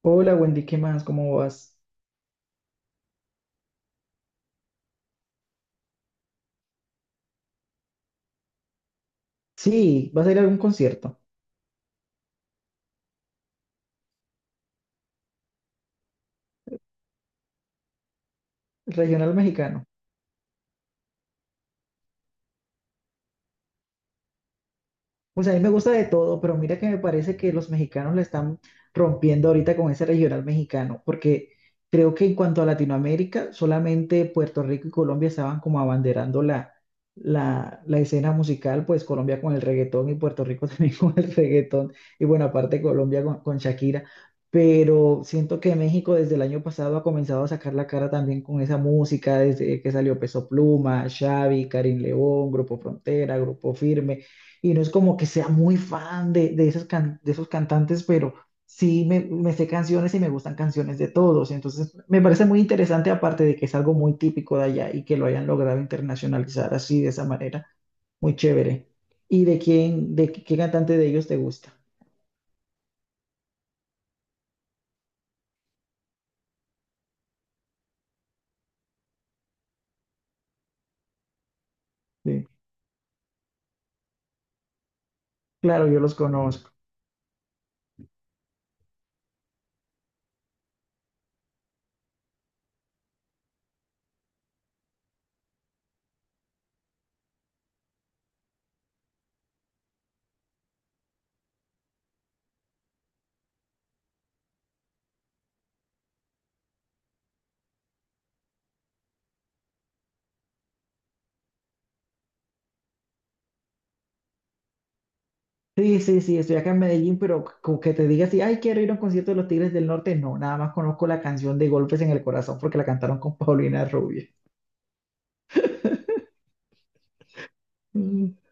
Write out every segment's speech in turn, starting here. Hola Wendy, ¿qué más? ¿Cómo vas? Sí, vas a ir a algún concierto regional mexicano. Pues a mí me gusta de todo, pero mira que me parece que los mexicanos la están rompiendo ahorita con ese regional mexicano, porque creo que en cuanto a Latinoamérica, solamente Puerto Rico y Colombia estaban como abanderando la escena musical, pues Colombia con el reggaetón y Puerto Rico también con el reggaetón, y bueno, aparte Colombia con Shakira, pero siento que México desde el año pasado ha comenzado a sacar la cara también con esa música, desde que salió Peso Pluma, Xavi, Karim León, Grupo Frontera, Grupo Firme y no es como que sea muy fan de esos cantantes, pero sí me sé canciones y me gustan canciones de todos. Entonces, me parece muy interesante, aparte de que es algo muy típico de allá y que lo hayan logrado internacionalizar así, de esa manera, muy chévere. ¿Y de quién, de qué cantante de ellos te gusta? Sí, claro, yo los conozco. Sí, sí, sí, estoy acá en Medellín, pero como que te diga así, ay, quiero ir a un concierto de los Tigres del Norte, no, nada más conozco la canción de Golpes en el Corazón porque la cantaron con Paulina Rubio.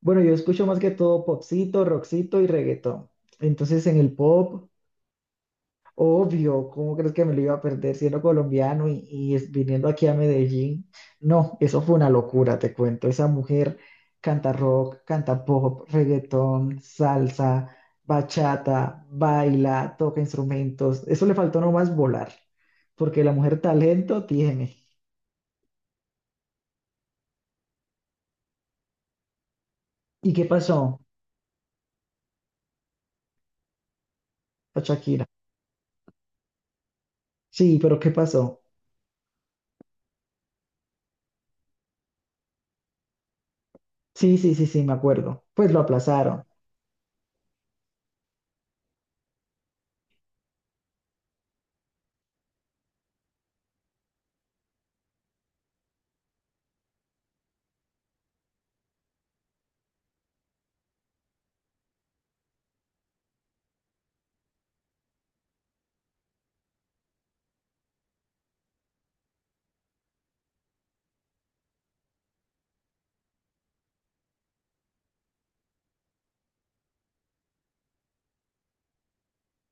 Bueno, yo escucho más que todo popcito, rockcito y reggaetón. Entonces, en el pop, obvio, ¿cómo crees que me lo iba a perder siendo colombiano y es- viniendo aquí a Medellín? No, eso fue una locura, te cuento. Esa mujer canta rock, canta pop, reggaetón, salsa, bachata, baila, toca instrumentos. Eso le faltó nomás volar, porque la mujer talento tiene. ¿Y qué pasó a Shakira? Sí, pero ¿qué pasó? Sí, sí, sí, sí, me acuerdo. Pues lo aplazaron.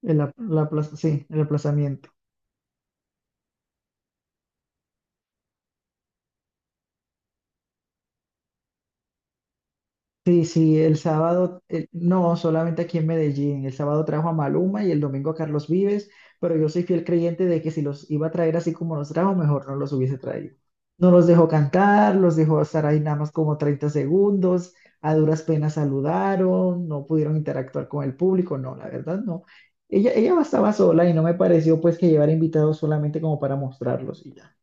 El, ap- la plaza- sí, el aplazamiento. Sí, sí, el sábado, no, solamente aquí en Medellín. El sábado trajo a Maluma y el domingo a Carlos Vives, pero yo soy fiel creyente de que si los iba a traer así como los trajo, mejor no los hubiese traído. No los dejó cantar, los dejó estar ahí nada más como 30 segundos, a duras penas saludaron, no pudieron interactuar con el público, no, la verdad no. Ella estaba sola y no me pareció pues que llevar invitados solamente como para mostrarlos y ya.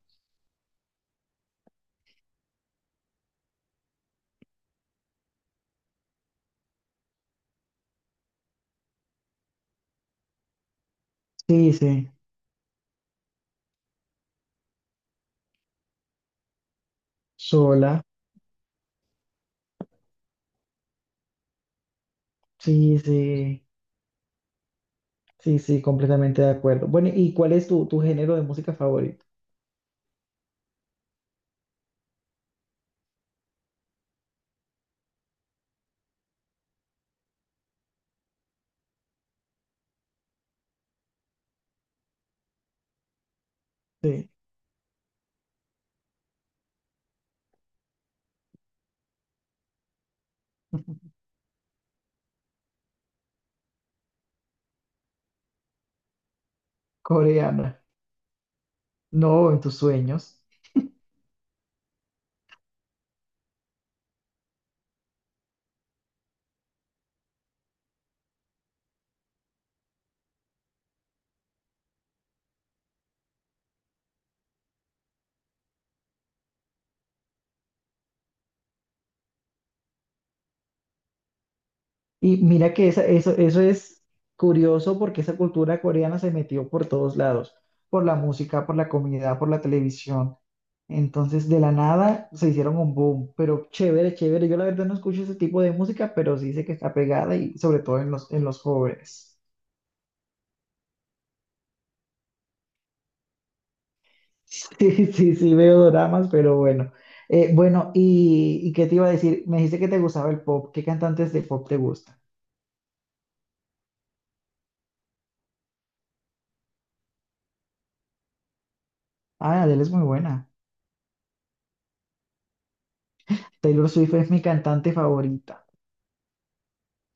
Sí, sí, sola, sí, sí. Sí, sí, completamente de acuerdo. Bueno, ¿y cuál es tu, género de música favorito? Sí, coreana. No, en tus sueños. Y mira que eso es curioso porque esa cultura coreana se metió por todos lados, por la música, por la comida, por la televisión. Entonces, de la nada se hicieron un boom, pero chévere, chévere. Yo la verdad no escucho ese tipo de música, pero sí sé que está pegada y sobre todo en los jóvenes. Sí, sí, sí, veo dramas, pero bueno. Bueno, ¿y qué te iba a decir? Me dijiste que te gustaba el pop. ¿Qué cantantes de pop te gustan? Ah, Adele es muy buena. Taylor Swift es mi cantante favorita.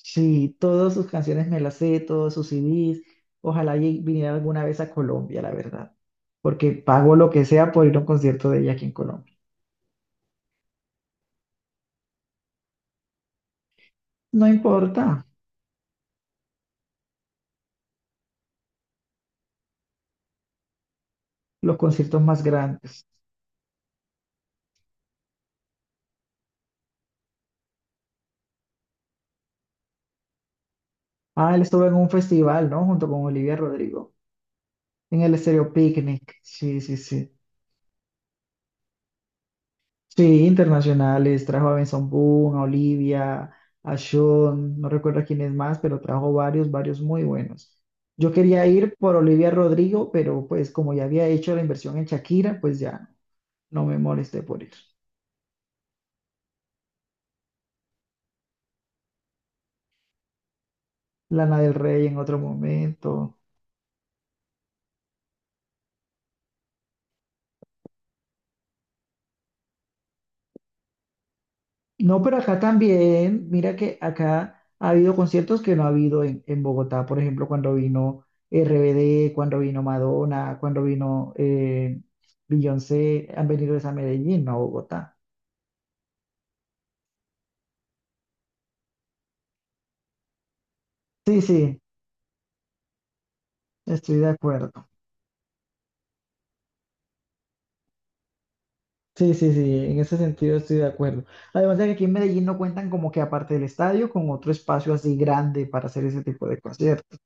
Sí, todas sus canciones me las sé, todos sus CDs. Ojalá y viniera alguna vez a Colombia, la verdad. Porque pago lo que sea por ir a un concierto de ella aquí en Colombia. No importa, los conciertos más grandes. Ah, él estuvo en un festival, ¿no? Junto con Olivia Rodrigo, en el Estéreo Picnic. Sí, sí, sí. Sí, internacionales, trajo a Benson Boone, a Olivia, a Sean, no recuerdo quién es más, pero trajo varios, varios muy buenos. Yo quería ir por Olivia Rodrigo, pero pues como ya había hecho la inversión en Shakira, pues ya no me molesté por ir. Lana del Rey en otro momento. No, pero acá también, mira que acá ha habido conciertos que no ha habido en Bogotá, por ejemplo, cuando vino RBD, cuando vino Madonna, cuando vino Beyoncé, han venido es a Medellín, no a Bogotá. Sí, sí, estoy de acuerdo. Sí, sí, sí, en ese sentido estoy de acuerdo. Además de que aquí en Medellín no cuentan como que aparte del estadio, con otro espacio así grande para hacer ese tipo de conciertos.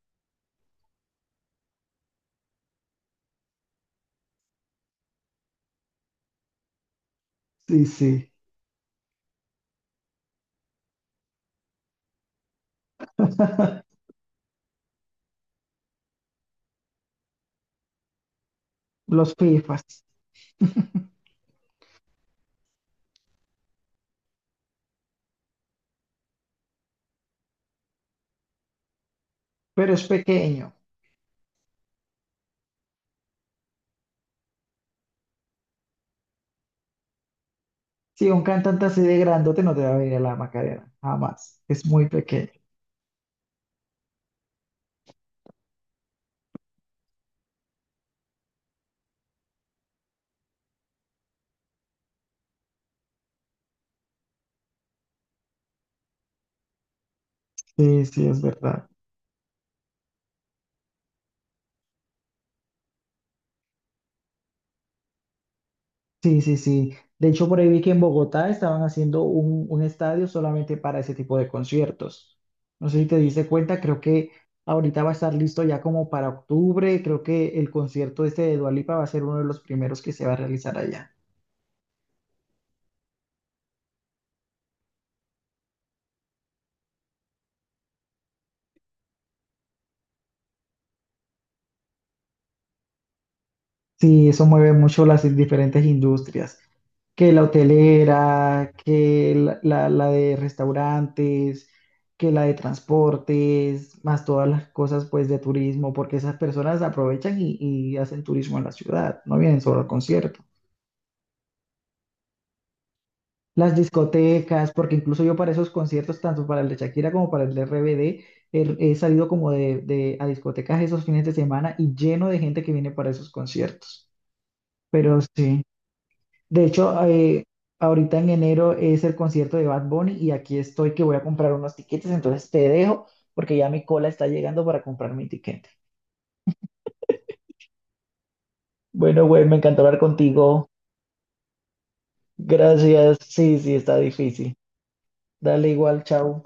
Sí, sí, los FIFAs, pero es pequeño. Sí, un cantante así de grandote no te va a venir a la Macarena, jamás. Es muy pequeño. Sí, sí, es verdad. Sí, sí, sí. De hecho, por ahí vi que en Bogotá estaban haciendo un, estadio solamente para ese tipo de conciertos. No sé si te diste cuenta, creo que ahorita va a estar listo ya como para octubre. Creo que el concierto este de Dua Lipa va a ser uno de los primeros que se va a realizar allá. Sí, eso mueve mucho las diferentes industrias, que la hotelera, que la de restaurantes, que la de transportes, más todas las cosas pues de turismo, porque esas personas aprovechan y hacen turismo en la ciudad, no vienen solo al concierto. Las discotecas, porque incluso yo para esos conciertos, tanto para el de Shakira como para el de RBD, he salido como a discotecas esos fines de semana y lleno de gente que viene para esos conciertos. Pero sí. De hecho, ahorita en enero es el concierto de Bad Bunny y aquí estoy que voy a comprar unos tiquetes, entonces te dejo porque ya mi cola está llegando para comprar mi tiquete. Bueno, güey, me encantó hablar contigo. Gracias. Sí, sí, está difícil. Dale igual, chao.